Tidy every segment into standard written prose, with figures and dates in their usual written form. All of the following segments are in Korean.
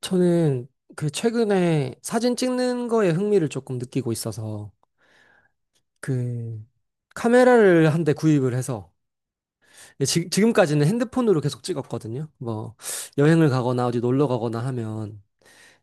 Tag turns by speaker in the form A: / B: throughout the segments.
A: 저는 최근에 사진 찍는 거에 흥미를 조금 느끼고 있어서 그 카메라를 한 대 구입을 해서 네, 지금까지는 핸드폰으로 계속 찍었거든요. 뭐 여행을 가거나 어디 놀러 가거나 하면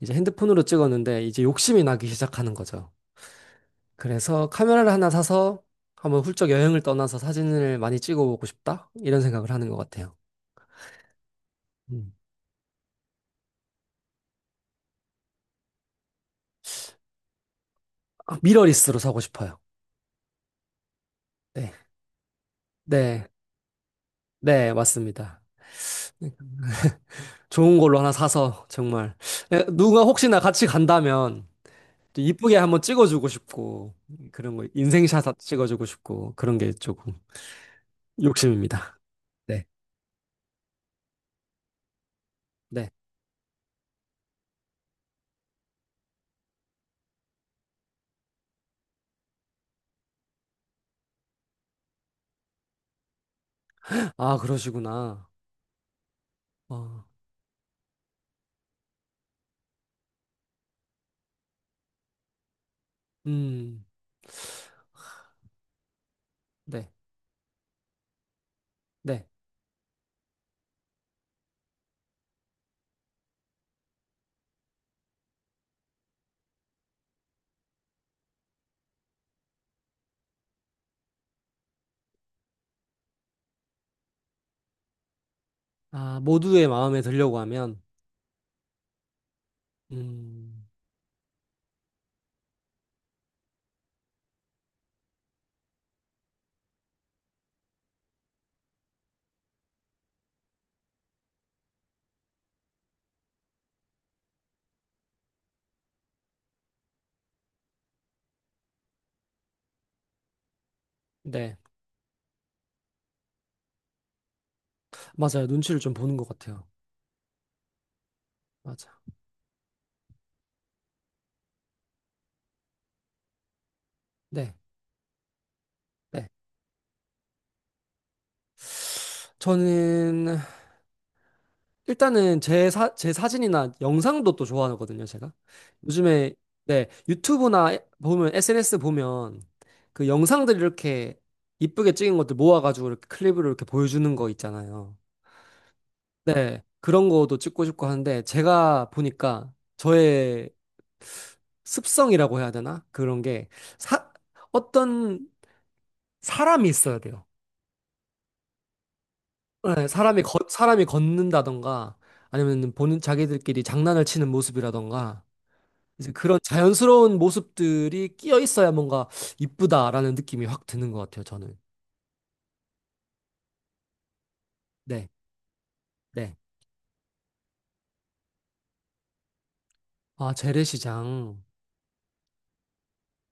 A: 이제 핸드폰으로 찍었는데 이제 욕심이 나기 시작하는 거죠. 그래서 카메라를 하나 사서 한번 훌쩍 여행을 떠나서 사진을 많이 찍어보고 싶다? 이런 생각을 하는 것 같아요. 음. 아, 미러리스로 사고 싶어요. 네. 네. 네, 맞습니다. 좋은 걸로 하나 사서 정말 누가 혹시나 같이 간다면 또 이쁘게 한번 찍어주고 싶고 그런 거 인생샷 찍어주고 싶고 그런 게 조금 욕심입니다. 네. 네. 아, 그러시구나. 어, 음, 네, 네. 아, 모두의 마음에 들려고 하면, 음, 네. 맞아요. 눈치를 좀 보는 것 같아요. 맞아. 네, 네. 저는 일단은 제 사진이나 영상도 또 좋아하거든요, 제가. 요즘에, 네, 유튜브나 보면, SNS 보면 그 영상들 이렇게 이쁘게 찍은 것들 모아가지고 이렇게 클립으로 이렇게 보여주는 거 있잖아요. 네, 그런 거도 찍고 싶고 하는데 제가 보니까 저의 습성이라고 해야 되나? 그런 게 사, 어떤 사람이 있어야 돼요. 네, 사람이 걷는다던가 아니면 본인 자기들끼리 장난을 치는 모습이라던가 이제 그런 자연스러운 모습들이 끼어 있어야 뭔가 이쁘다라는 느낌이 확 드는 것 같아요, 저는. 네, 네. 아, 재래시장.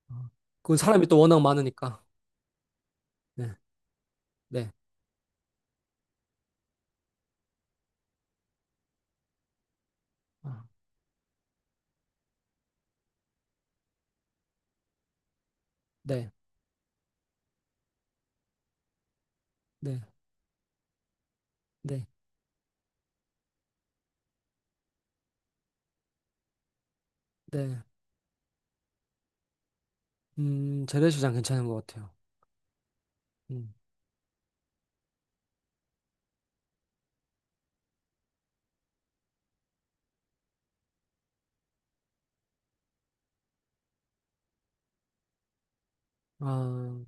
A: 아, 그건 사람이 또 워낙 많으니까. 네, 네. 아, 네, 네, 네, 네. 재래시장 괜찮은 것 같아요. 음. 아,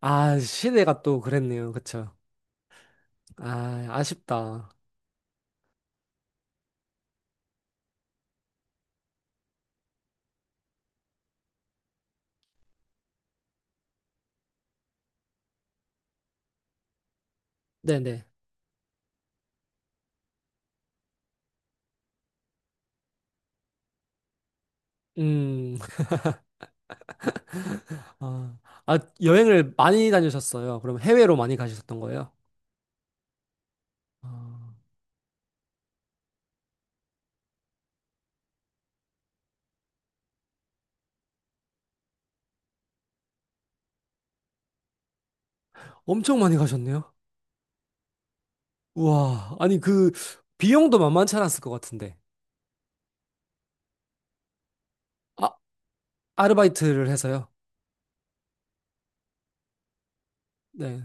A: 아, 시내가 또 그랬네요. 그쵸? 아, 아쉽다. 네네. 음, 아, 아, 여행을 많이 다니셨어요. 그럼 해외로 많이 가셨던 거예요? 아, 엄청 많이 가셨네요. 우와, 아니 그 비용도 만만치 않았을 것 같은데. 아, 아르바이트를 해서요? 네,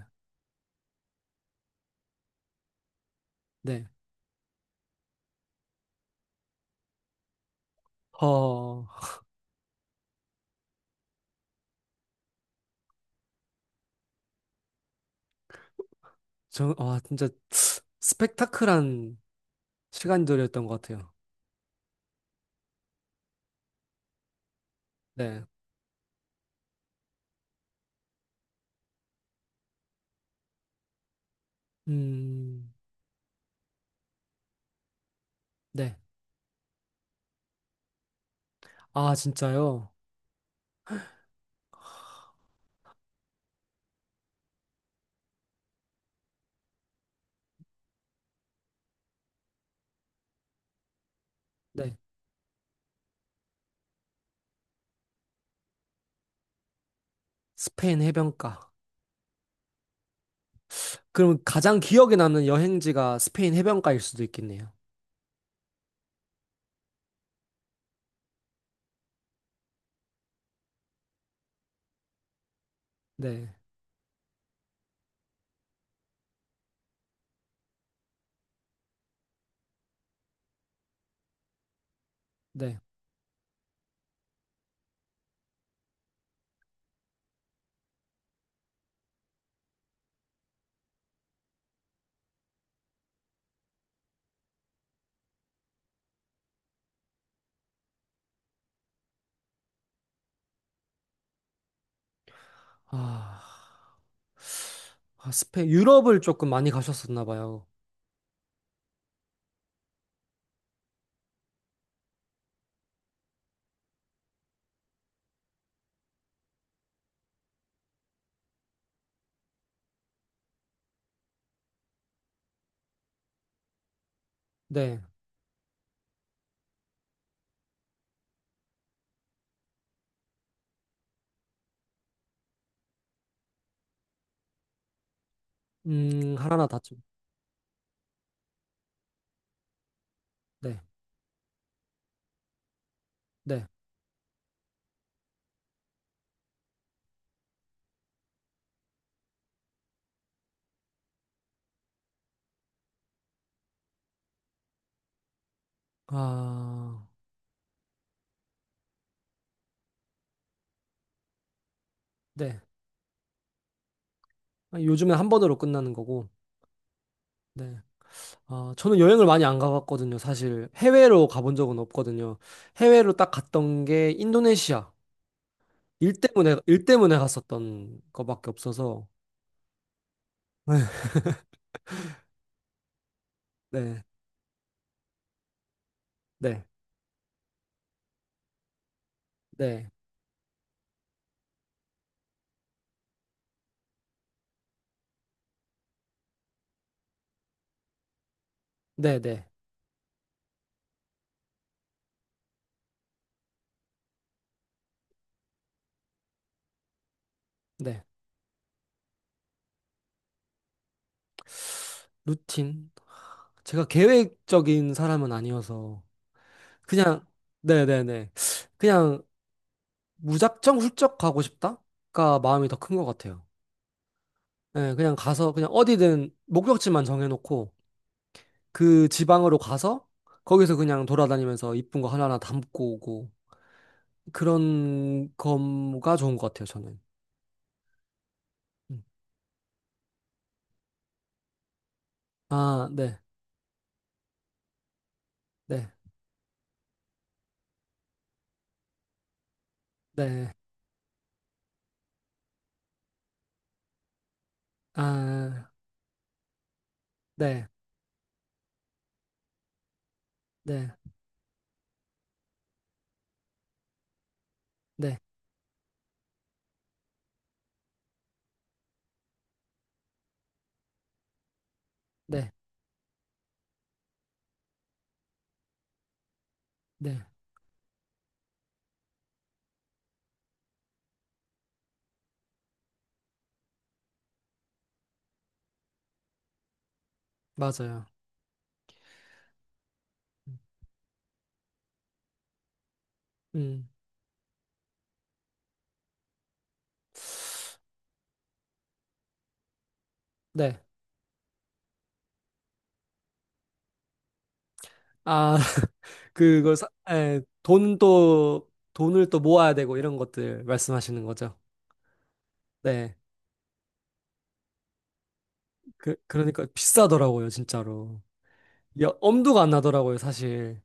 A: 네. 어 저, 와, 진짜 스펙타클한 시간들이었던 것 같아요. 네, 음, 네. 아, 진짜요? 네. 스페인 해변가. 그럼 가장 기억에 남는 여행지가 스페인 해변가일 수도 있겠네요. 네, 네. 아, 아, 스페인, 유럽을 조금 많이 가셨었나 봐요. 네, 하나하나 다 좀. 네. 네. 아, 네. 요즘에 한 번으로 끝나는 거고. 네. 아, 저는 여행을 많이 안 가봤거든요. 사실 해외로 가본 적은 없거든요. 해외로 딱 갔던 게 인도네시아. 일 때문에 일 때문에 갔었던 거밖에 없어서. 네. 네. 네. 네, 네. 네. 루틴. 제가 계획적인 사람은 아니어서 그냥 네, 네, 네. 그냥 무작정 훌쩍 가고 싶다가 마음이 더 큰 것 같아요. 예, 그냥 가서 그냥 어디든 목적지만 정해놓고 그 지방으로 가서 거기서 그냥 돌아다니면서 이쁜 거 하나하나 담고 오고 그런 거가 좋은 것 같아요, 저는. 음. 아, 네, 네, 네, 아, 네, 네, 네, 네, 네, 맞아요. 음, 음, 네. 아, 그거, 돈 또, 돈을 또 모아야 되고 이런 것들 말씀하시는 거죠? 네. 그, 그러니까 비싸더라고요, 진짜로. 야, 엄두가 안 나더라고요, 사실.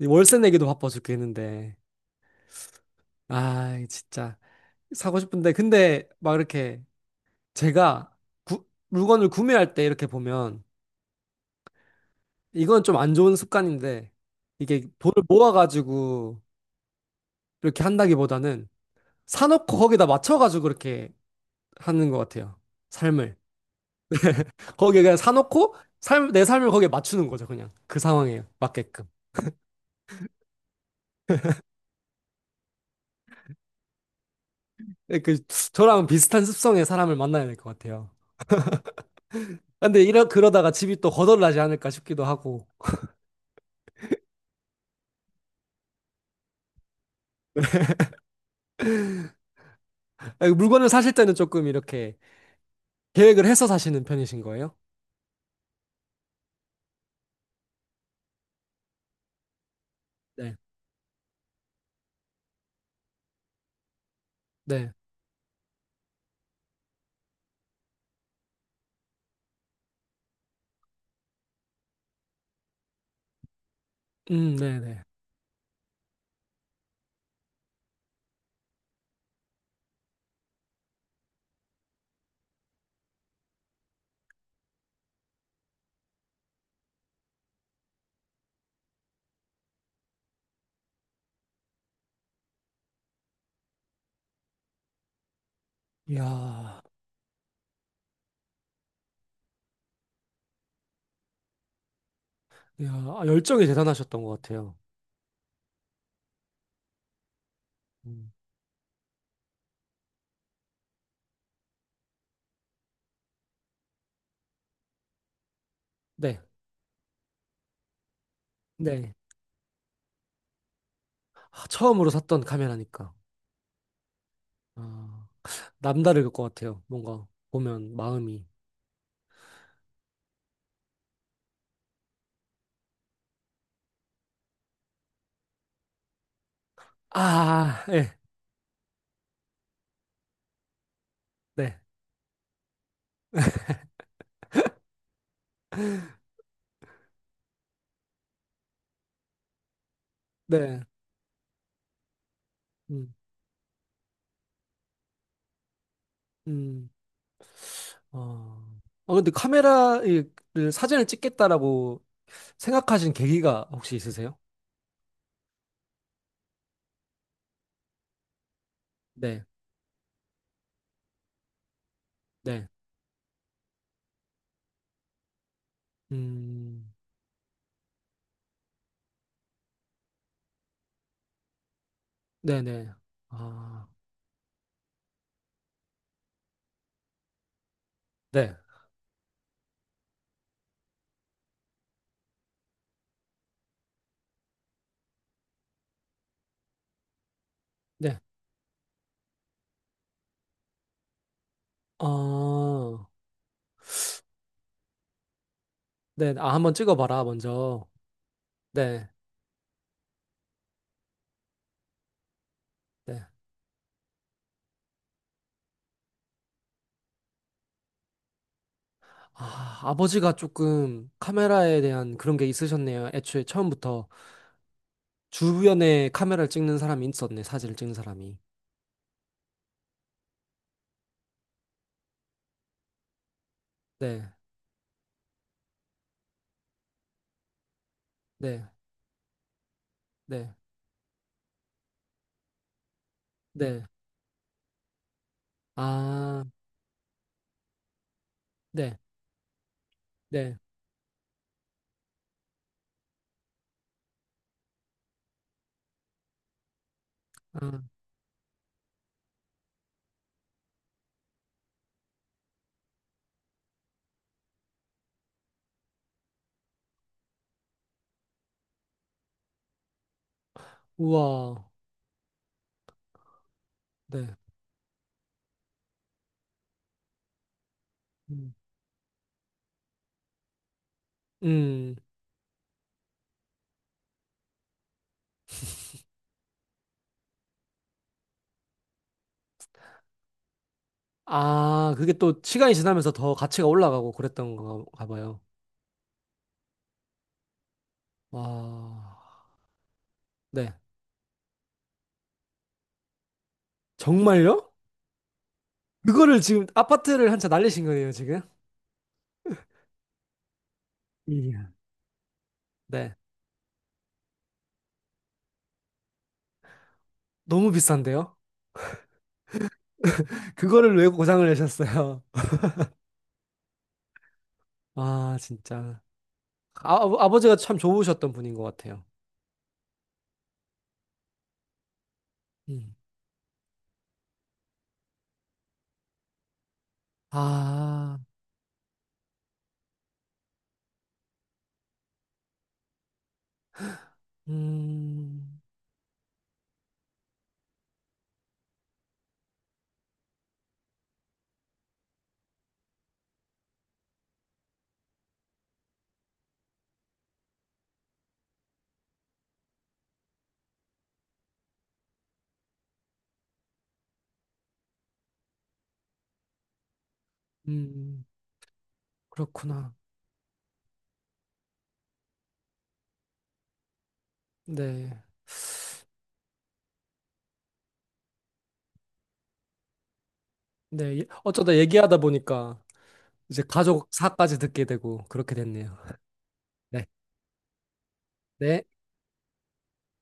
A: 이 월세 내기도 바빠 죽겠는데. 아, 진짜. 사고 싶은데. 근데 막 이렇게 제가 물건을 구매할 때 이렇게 보면 이건 좀 안 좋은 습관인데 이게 돈을 모아가지고 이렇게 한다기보다는 사놓고 거기다 맞춰가지고 그렇게 하는 것 같아요. 삶을. 거기에 그냥 사놓고 내 삶을 거기에 맞추는 거죠, 그냥. 그 상황에 맞게끔. 네, 저랑 비슷한 습성의 사람을 만나야 될 것 같아요. 근데 이러 그러다가 집이 또 거덜나지 않을까 싶기도 하고 아, 물건을 사실 때는 조금 이렇게 계획을 해서 사시는 편이신 거예요? 네. 네. 네, 네. 이야, 이야, 아, 열정이 대단하셨던 것 같아요. 음, 네, 네. 아, 처음으로 샀던 카메라니까 아, 남다를 것 같아요. 뭔가 보면 마음이 아, 예, 네, 네. 음, 음. 어, 아, 근데 카메라를 사진을 찍겠다라고 생각하신 계기가 혹시 있으세요? 네. 네. 음, 네네. 아, 네. 네. 아, 네. 아, 한번 찍어봐라, 먼저. 네. 네. 아, 아버지가 조금 카메라에 대한 그런 게 있으셨네요. 애초에 처음부터 주변에 카메라를 찍는 사람이 있었네, 사진을 찍는 사람이. 네. 네. 네. 네. 아, 네. 네. 아, 우와. 네. 음. 음. 아, 그게 또 시간이 지나면서 더 가치가 올라가고 그랬던 건가 봐요. 와, 네. 정말요? 그거를 지금 아파트를 한 채 날리신 거예요, 지금? 이야. 네. 너무 비싼데요? 그거를 왜 고장을 내셨어요? 아, 진짜. 아, 아버지가 참 좋으셨던 분인 것 같아요. 음. 아, 음, 음, 그렇구나. 네. 네. 어쩌다 얘기하다 보니까 이제 가족사까지 듣게 되고 그렇게 됐네요. 네. 네.